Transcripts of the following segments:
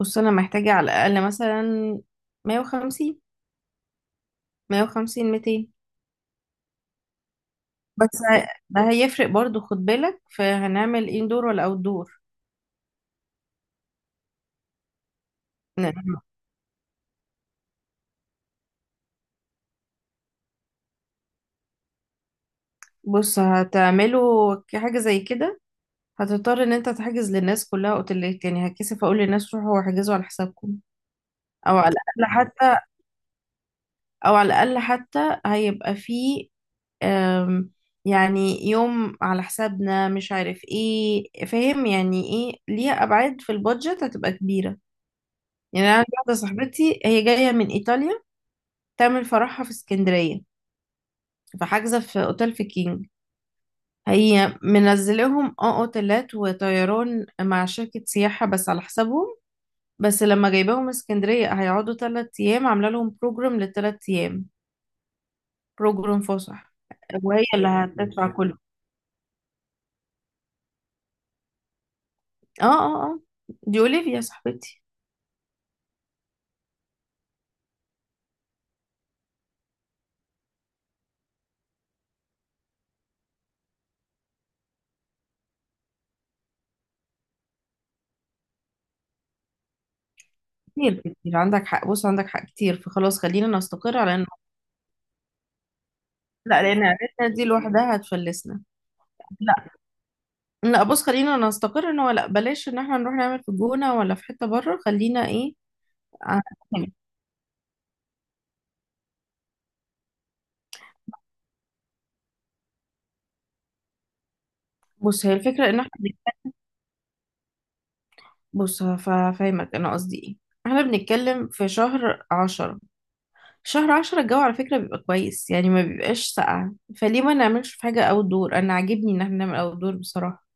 بص، انا محتاجة على الاقل مثلا 150، 150 200. بس ده هيفرق برضو، خد بالك. فهنعمل اندور ولا اوت دور؟ بص، هتعمله حاجة زي كده. هتضطر ان انت تحجز للناس كلها اوتيلات، يعني هتكسف اقول للناس روحوا واحجزوا على حسابكم. او على الاقل حتى او على الاقل حتى هيبقى فيه، أم، يعني يوم على حسابنا، مش عارف ايه، فاهم؟ يعني ايه؟ ليها ابعاد في البادجت هتبقى كبيرة. يعني انا عندي واحده صاحبتي، هي جايه من ايطاليا، تعمل فرحها في اسكندريه، فحاجزه في اوتيل في كينج. هي منزلهم اه اوتيلات وطيران مع شركه سياحه بس على حسابهم. بس لما جايباهم اسكندريه هيقعدوا 3 ايام، عامله لهم بروجرام للثلاث ايام، بروجرام فسح. وهي اللي هتدفع كله. اه، اه، اه، دي اولivia صاحبتي. كتير كتير عندك حق. بص، عندك حق كتير. فخلاص، خلينا نستقر على انه لا، لان عيلتنا دي لوحدها هتفلسنا. لا، بص، خلينا نستقر ان هو لا، بلاش ان احنا نروح نعمل في الجونة ولا في حتة بره، خلينا ايه. ع- بص، هي الفكرة ان احنا بص هفهمك انا قصدي ايه. احنا بنتكلم في شهر 10. شهر عشرة الجو على فكرة بيبقى كويس، يعني ما بيبقاش ساقع. فليه ما نعملش في حاجة اوت دور؟ انا عاجبني ان احنا نعمل اوت دور بصراحة.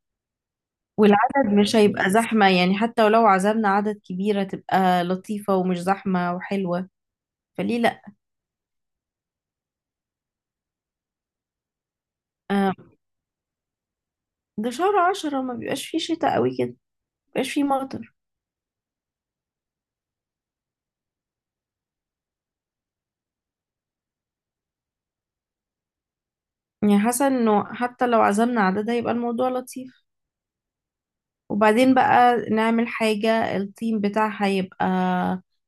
والعدد مش هيبقى زحمة يعني، حتى ولو عزمنا عدد كبيرة تبقى لطيفة ومش زحمة وحلوة. فليه لا؟ آه، ده شهر عشرة ما بيبقاش فيه شتاء قوي كده، ما بيبقاش فيه مطر. يعني حاسة انه حتى لو عزمنا عدد هيبقى الموضوع لطيف. وبعدين بقى نعمل حاجة، الثيم بتاعها يبقى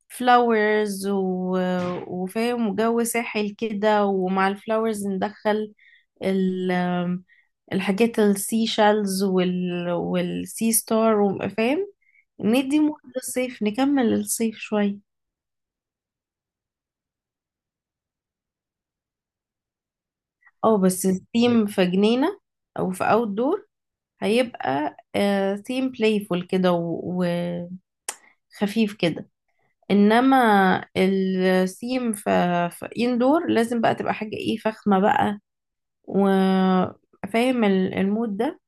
فلاورز وفاهم، وجو ساحل كده، ومع الفلاورز ندخل ال... الحاجات السي شالز والسي ستار فاهم. ندي مود للصيف، نكمل الصيف شوية. اه بس الثيم في جنينة او في اوت دور هيبقى ثيم بلايفول كده، خفيف كده. انما السيم في اندور لازم بقى تبقى حاجة ايه فخمة بقى، وفاهم المود ده.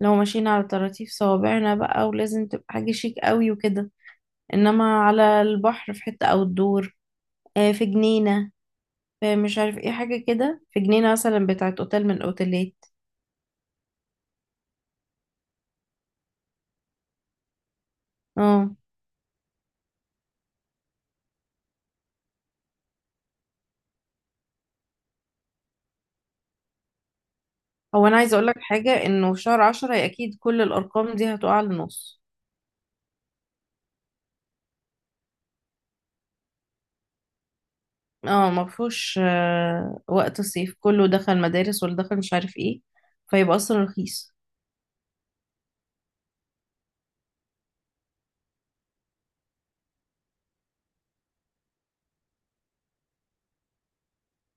لو ماشيين على طراطيف صوابعنا بقى، ولازم تبقى حاجة شيك قوي وكده. انما على البحر في حتة او الدور، آه، في جنينة، في مش عارف ايه حاجة كده في جنينة مثلا بتاعت اوتيل من الاوتيلات. اه، هو انا عايزة اقولك حاجة، انه في شهر عشرة هي اكيد كل الارقام دي هتقع لنص. اه، ما فيهوش وقت الصيف كله دخل مدارس واللي دخل مش عارف ايه، فيبقى اصلا رخيص.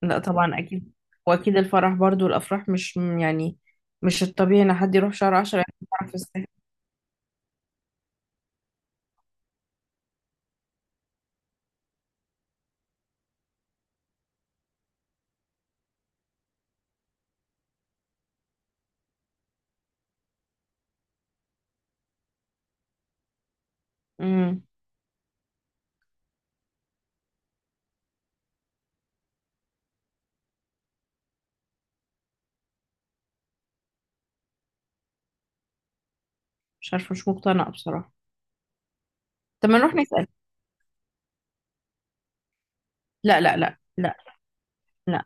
لا طبعا اكيد. واكيد الفرح برضو، الافراح مش يعني، مش الطبيعي ان حد يروح شهر 10 يعمل فرح في الصيف. امم مش عارفه، مش مقتنعه بصراحه. طب ما نروح نسال. لا، لا، لا، لا. لا،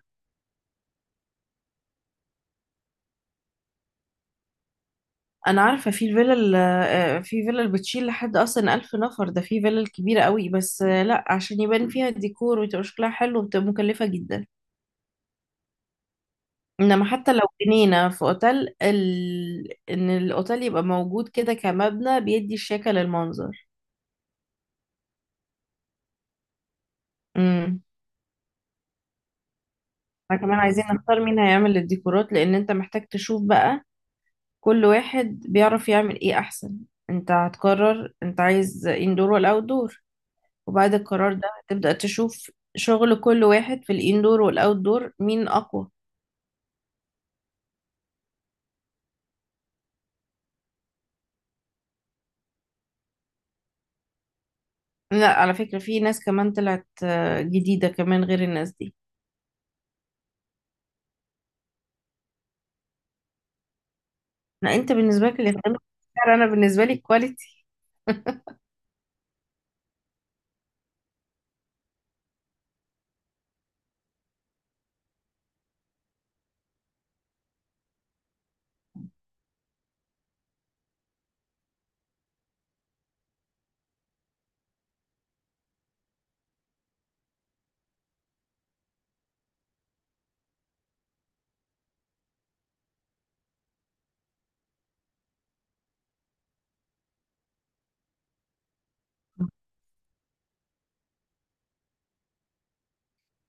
انا عارفه في الفيلا في فيلا اللي بتشيل لحد اصلا 1000 نفر، ده في فيلا كبيره قوي، بس لا، عشان يبان فيها الديكور وتبقى شكلها حلو وبتبقى مكلفه جدا. انما حتى لو جنينة في اوتيل ان الاوتيل يبقى موجود كده كمبنى بيدي الشكل للمنظر. امم. احنا كمان عايزين نختار مين هيعمل الديكورات، لان انت محتاج تشوف بقى كل واحد بيعرف يعمل ايه احسن. انت هتقرر انت عايز اندور ولا اوت دور، وبعد القرار ده تبدأ تشوف شغل كل واحد في الاندور والاوت دور مين اقوى. لا، على فكرة في ناس كمان طلعت جديدة كمان غير الناس دي. لا، انت بالنسبة لك اللي اختار، انا بالنسبة لي كواليتي.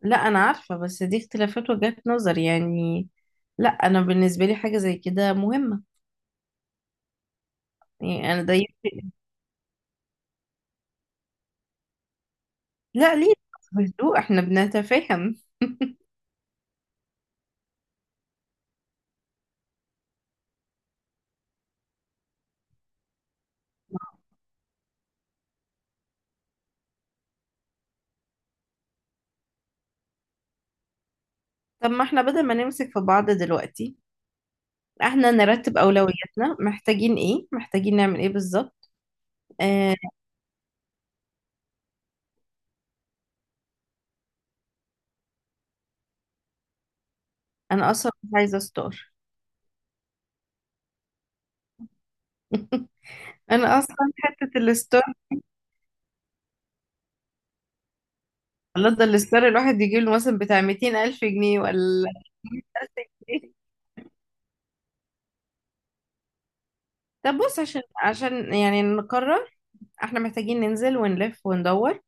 لا، انا عارفة، بس دي اختلافات وجهات نظر يعني. لا، انا بالنسبة لي حاجة زي كده مهمة، يعني انا ده يفرق. لا، ليه؟ بهدوء احنا بنتفاهم. طب، ما احنا بدل ما نمسك في بعض دلوقتي، احنا نرتب اولوياتنا، محتاجين ايه، محتاجين نعمل ايه بالظبط. آه، انا اصلا مش عايزة ستار. انا اصلا حتة الستار. الله، ده الستار الواحد يجيب له مثلا بتاع 200 الف جنيه ولا 100,000 جنيه. طب، بص، عشان يعني نقرر، احنا محتاجين ننزل ونلف وندور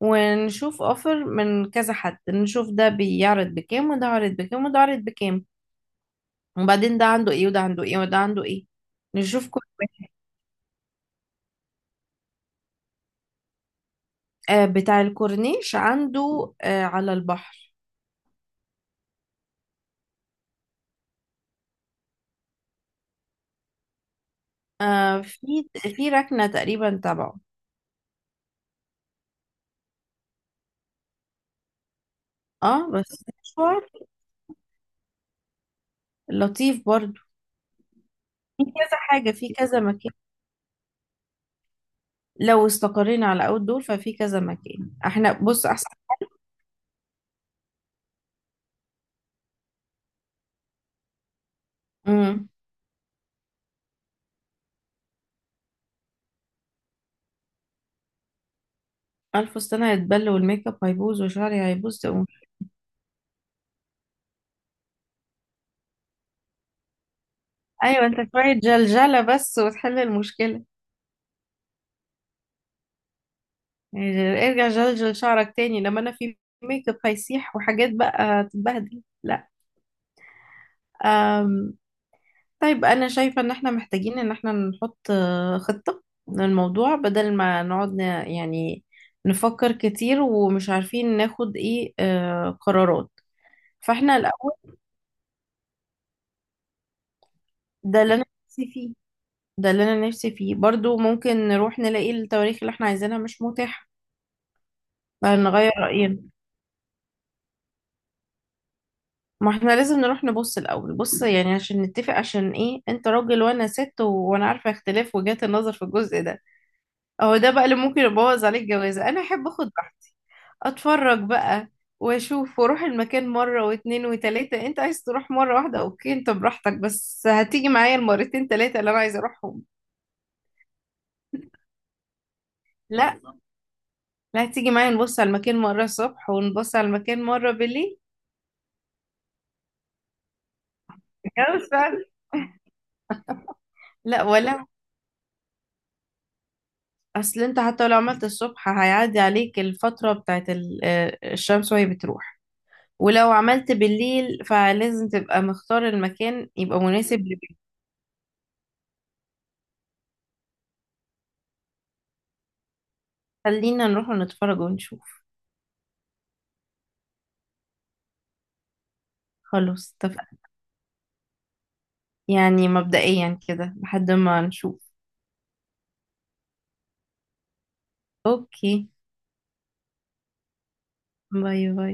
ونشوف اوفر من كذا حد، نشوف ده بيعرض بكام وده عرض بكام وده عرض بكام، وبعدين ده عنده ايه وده عنده ايه وده عنده ايه. نشوف كل واحد. آه، بتاع الكورنيش عنده على البحر. آه، في ركنة تقريبا تبعه. اه بس مشوار لطيف برضو. في كذا حاجة في كذا مكان. لو استقرينا على اول دول ففي كذا مكان احنا، بص احسن. امم. الف فستان هيتبل والميك اب هيبوظ وشعري هيبوظ. ايوه، انت شوية جلجلة بس وتحل المشكلة. يعني ارجع جلجل شعرك تاني لما انا في ميك اب هيسيح وحاجات بقى تتبهدل؟ لا. أم. طيب، انا شايفة ان احنا محتاجين ان احنا نحط خطة للموضوع، بدل ما نقعد يعني نفكر كتير ومش عارفين ناخد ايه قرارات. فاحنا الاول. ده اللي انا نفسي فيه. ده اللي انا نفسي فيه برضو، ممكن نروح نلاقي التواريخ اللي احنا عايزينها مش متاحة فنغير رأينا. ما احنا لازم نروح نبص الاول، بص يعني عشان نتفق، عشان ايه؟ انت راجل وانا ست وانا عارفه اختلاف وجهات النظر في الجزء ده. اهو ده بقى اللي ممكن يبوظ عليك جوازه. انا احب اخد راحتي، اتفرج بقى واشوف واروح المكان مره واتنين وتلاته. انت عايز تروح مره واحده، اوكي انت براحتك، بس هتيجي معايا المرتين تلاته اللي انا عايزه اروحهم. لا، لا، هتيجي معايا نبص على المكان مره الصبح ونبص على المكان مره بالليل. جوز فعلا. لا ولا. اصل انت حتى لو عملت الصبح هيعدي عليك الفترة بتاعت الشمس وهي بتروح. ولو عملت بالليل فلازم تبقى مختار المكان يبقى مناسب لبيتك. خلينا نروح نتفرج ونشوف. خلاص اتفقنا. يعني مبدئيا كده لحد ما نشوف. اوكي، باي باي.